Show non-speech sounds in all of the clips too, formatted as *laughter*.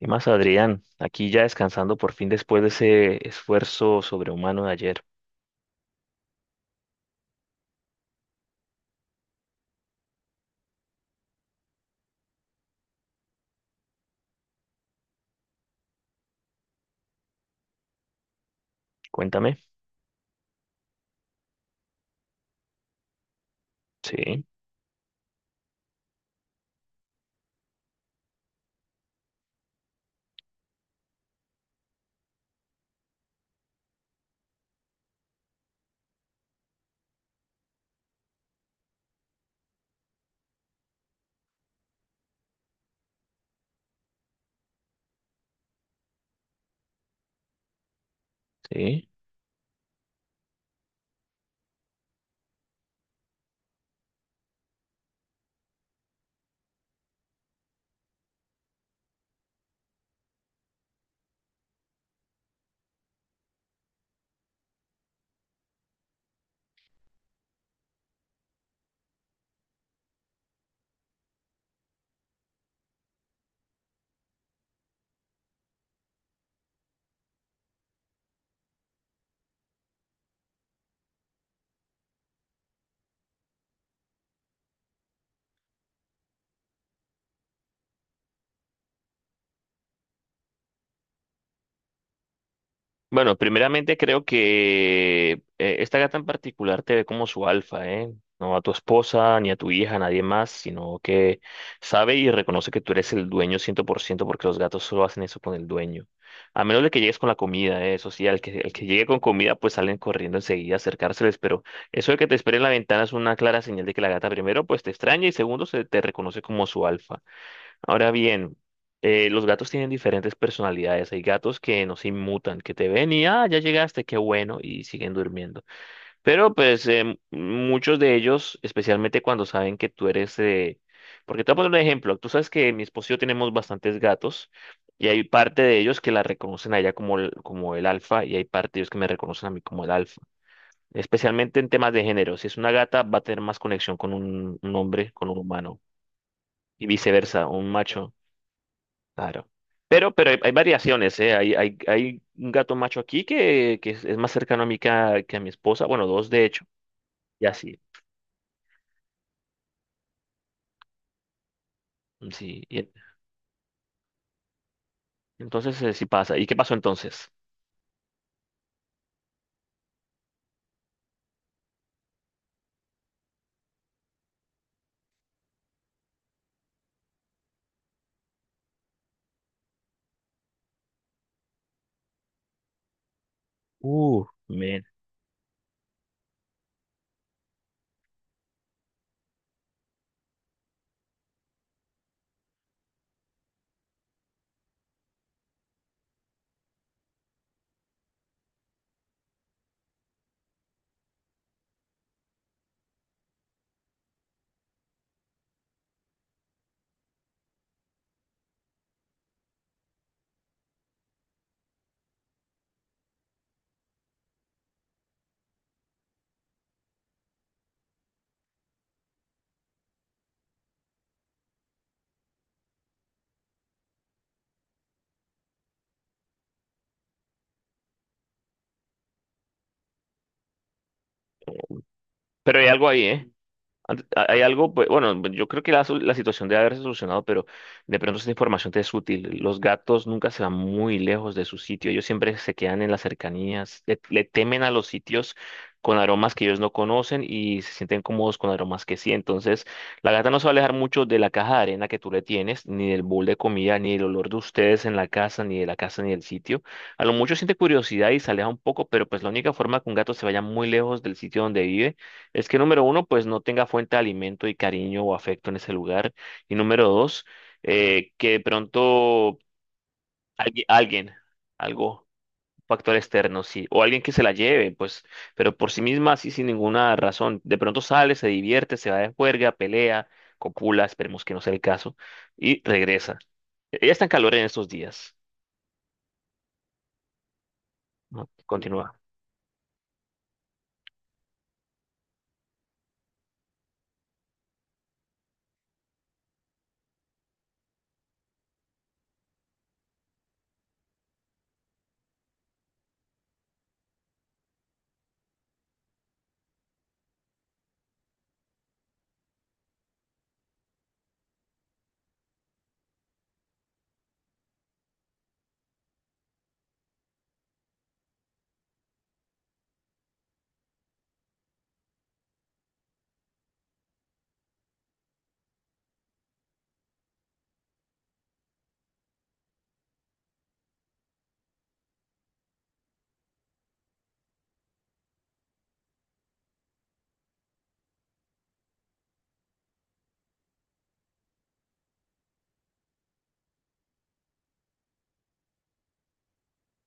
Y más, Adrián, aquí ya descansando por fin después de ese esfuerzo sobrehumano de ayer. Cuéntame. Sí, sí. Bueno, primeramente creo que esta gata en particular te ve como su alfa, ¿eh? No a tu esposa, ni a tu hija, a nadie más, sino que sabe y reconoce que tú eres el dueño 100%, porque los gatos solo hacen eso con el dueño. A menos de que llegues con la comida, ¿eh? Eso sí, al que llegue con comida, pues salen corriendo enseguida a acercárseles, pero eso de que te espere en la ventana es una clara señal de que la gata primero, pues te extraña y segundo, se te reconoce como su alfa. Ahora bien, los gatos tienen diferentes personalidades. Hay gatos que no se inmutan, que te ven y, ah, ya llegaste, qué bueno, y siguen durmiendo. Pero pues muchos de ellos, especialmente cuando saben que tú eres. Porque te voy a poner un ejemplo. Tú sabes que mi esposo y yo tenemos bastantes gatos y hay parte de ellos que la reconocen a ella como el alfa y hay parte de ellos que me reconocen a mí como el alfa. Especialmente en temas de género. Si es una gata, va a tener más conexión con un hombre, con un humano y viceversa, un macho. Claro. Pero hay, hay, variaciones, ¿eh? Hay, hay un gato macho aquí que es, más cercano a mí que a mi esposa. Bueno, dos de hecho. Y así. Sí. Entonces, sí pasa. ¿Y qué pasó entonces? Men. Pero hay algo ahí, ¿eh? Hay algo, pues, bueno, yo creo que la situación debe haberse solucionado, pero de pronto esta información te es útil. Los gatos nunca se van muy lejos de su sitio, ellos siempre se quedan en las cercanías, le temen a los sitios con aromas que ellos no conocen y se sienten cómodos con aromas que sí. Entonces, la gata no se va a alejar mucho de la caja de arena que tú le tienes, ni del bowl de comida, ni del olor de ustedes en la casa, ni de la casa, ni del sitio. A lo mucho siente curiosidad y se aleja un poco, pero pues la única forma que un gato se vaya muy lejos del sitio donde vive es que número uno, pues no tenga fuente de alimento y cariño o afecto en ese lugar. Y número dos, que de pronto alguien, algo, un factor externo, sí, o alguien que se la lleve, pues, pero por sí misma, así sin ninguna razón. De pronto sale, se divierte, se va de juerga, pelea, copula, esperemos que no sea el caso, y regresa. Ella está en calor en estos días. No, continúa.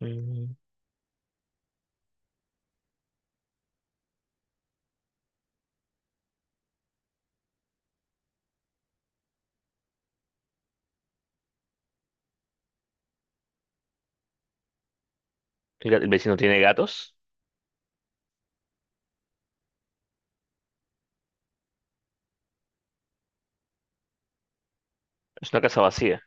Mm. ¿El vecino tiene gatos? Es una casa vacía.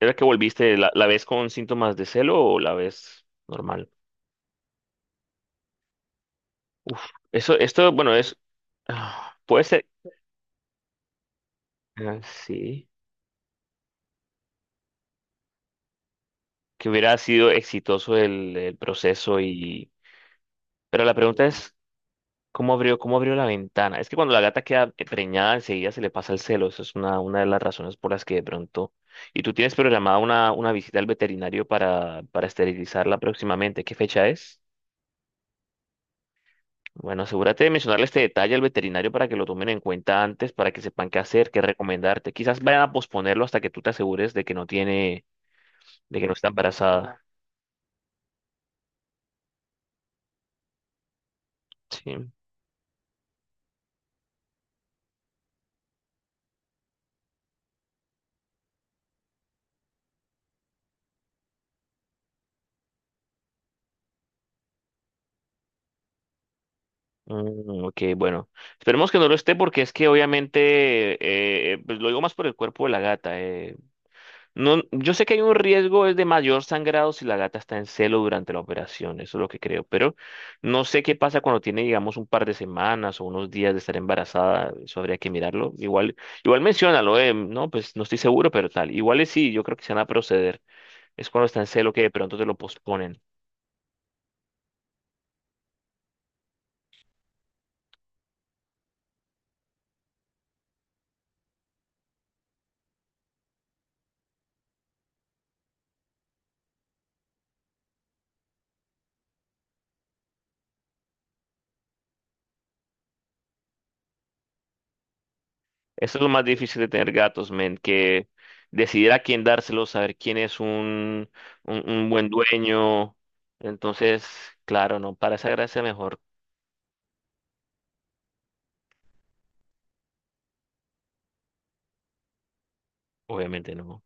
¿Era que volviste? ¿La ves con síntomas de celo o la ves normal? Uf, eso, esto, bueno, es. Ah, puede ser. Ah, sí. Que hubiera sido exitoso el proceso y. Pero la pregunta es, cómo abrió la ventana? Es que cuando la gata queda preñada, enseguida se le pasa el celo. Eso es una de las razones por las que de pronto. ¿Y tú tienes programada una visita al veterinario para esterilizarla próximamente? ¿Qué fecha es? Bueno, asegúrate de mencionarle este detalle al veterinario para que lo tomen en cuenta antes, para que sepan qué hacer, qué recomendarte. Quizás vayan a posponerlo hasta que tú te asegures de que no tiene, de que no está embarazada. Sí. Mm, ok, bueno. Esperemos que no lo esté porque es que obviamente, pues lo digo más por el cuerpo de la gata. No, yo sé que hay un riesgo es de mayor sangrado si la gata está en celo durante la operación, eso es lo que creo, pero no sé qué pasa cuando tiene, digamos, un par de semanas o unos días de estar embarazada, eso habría que mirarlo. Igual menciónalo, no, pues no estoy seguro, pero tal. Igual es sí, yo creo que se van a proceder. Es cuando está en celo que de pronto te lo posponen. Eso es lo más difícil de tener gatos, men, que decidir a quién dárselo, saber quién es un, un buen dueño. Entonces, claro, no, para esa gracia mejor, obviamente no.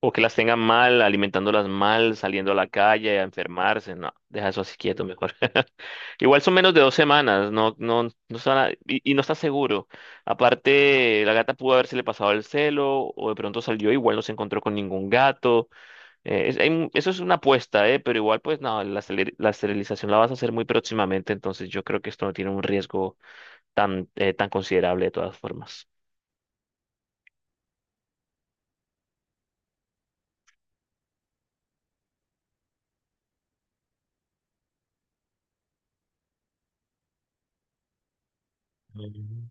O que las tengan mal, alimentándolas mal, saliendo a la calle a enfermarse. No, deja eso así quieto mejor. *laughs* Igual son menos de 2 semanas, no, no, no son y no está seguro. Aparte, la gata pudo haberse le pasado el celo, o de pronto salió, igual no se encontró con ningún gato. Eso es una apuesta, pero igual, pues no, la esterilización la vas a hacer muy próximamente, entonces yo creo que esto no tiene un riesgo tan, tan considerable de todas formas. Mm.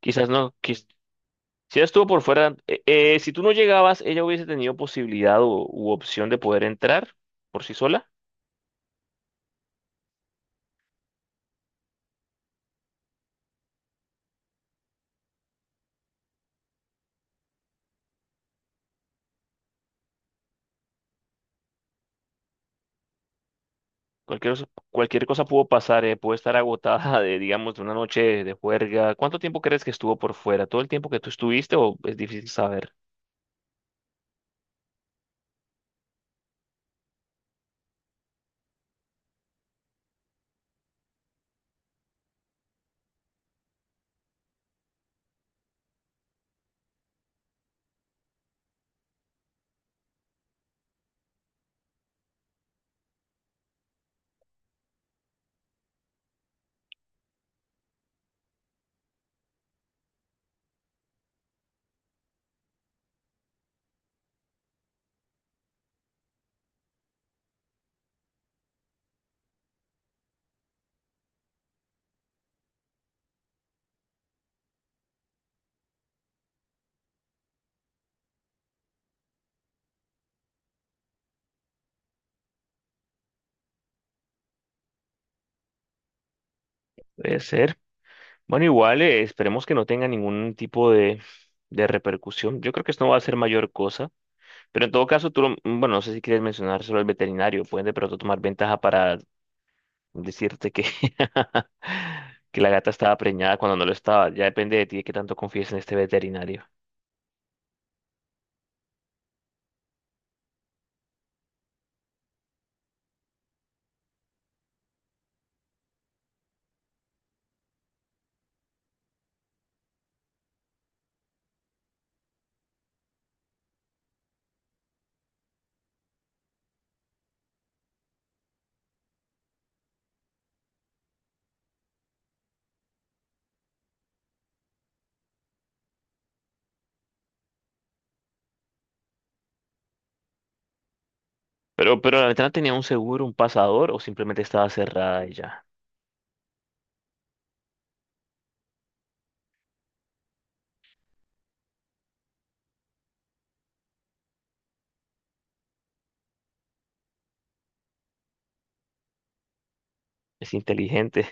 Quizás no. Si ella estuvo por fuera, si tú no llegabas, ella hubiese tenido posibilidad o, u opción de poder entrar por sí sola. Cualquier cosa pudo pasar, puede estar agotada de, digamos, de una noche de juerga. ¿Cuánto tiempo crees que estuvo por fuera? ¿Todo el tiempo que tú estuviste o es difícil saber? Puede ser. Bueno, igual, esperemos que no tenga ningún tipo de repercusión. Yo creo que esto no va a ser mayor cosa. Pero en todo caso, tú, bueno, no sé si quieres mencionar solo al veterinario. Pueden de pronto tomar ventaja para decirte que, *laughs* que la gata estaba preñada cuando no lo estaba. Ya depende de ti de qué tanto confíes en este veterinario. Pero la ventana tenía un seguro, un pasador o simplemente estaba cerrada y ya. Es inteligente.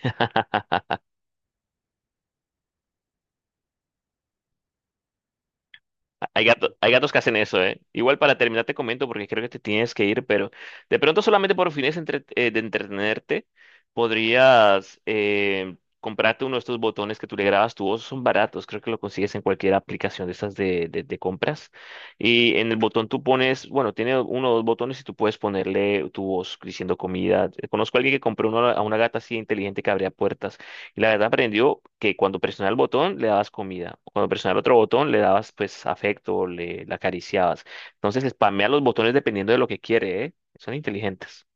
Hay gatos que hacen eso, ¿eh? Igual para terminar te comento porque creo que te tienes que ir, pero de pronto solamente por fines de entretenerte podrías comprarte uno de estos botones que tú le grabas tu voz. Son baratos, creo que lo consigues en cualquier aplicación de estas de, de compras. Y en el botón tú pones, bueno, tiene uno o dos botones y tú puedes ponerle tu voz diciendo comida. Conozco a alguien que compró uno a una gata así inteligente que abría puertas. Y la verdad aprendió que cuando presionaba el botón le dabas comida, o cuando presionaba el otro botón le dabas pues afecto, le acariciabas. Entonces spamea los botones dependiendo de lo que quiere, ¿eh? Son inteligentes.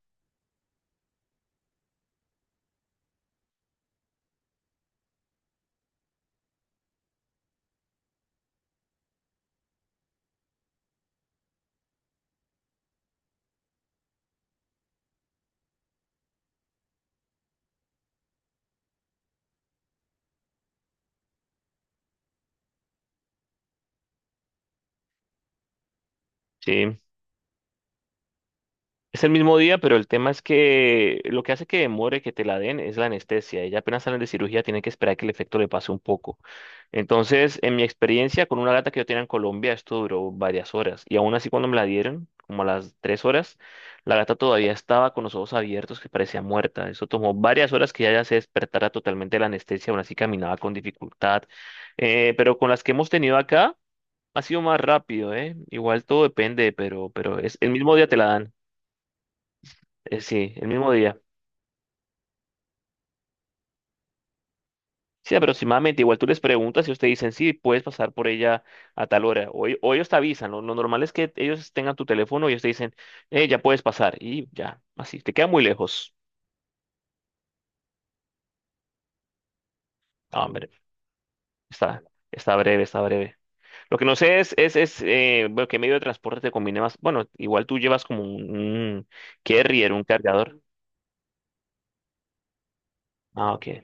Sí. Es el mismo día, pero el tema es que lo que hace que demore que te la den es la anestesia. Ella apenas salen de cirugía, tienen que esperar que el efecto le pase un poco. Entonces, en mi experiencia, con una gata que yo tenía en Colombia, esto duró varias horas. Y aún así, cuando me la dieron, como a las 3 horas, la gata todavía estaba con los ojos abiertos, que parecía muerta. Eso tomó varias horas que ella se despertara totalmente de la anestesia, aún así caminaba con dificultad. Pero con las que hemos tenido acá, ha sido más rápido, ¿eh? Igual todo depende, pero es el mismo día te la dan. Sí, el mismo día. Sí, aproximadamente. Igual tú les preguntas y ustedes dicen, sí, puedes pasar por ella a tal hora. O ellos te avisan. Lo normal es que ellos tengan tu teléfono y ellos te dicen, ya puedes pasar. Y ya, así. Te queda muy lejos. Ah, hombre, está, está breve, está breve. Lo que no sé es, bueno, qué medio de transporte te conviene más. Bueno, igual tú llevas como un carrier, un cargador. Ah, ok.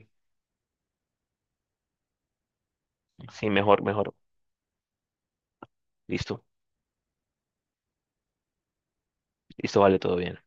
Sí, mejor, mejor. Listo. Listo, vale, todo bien.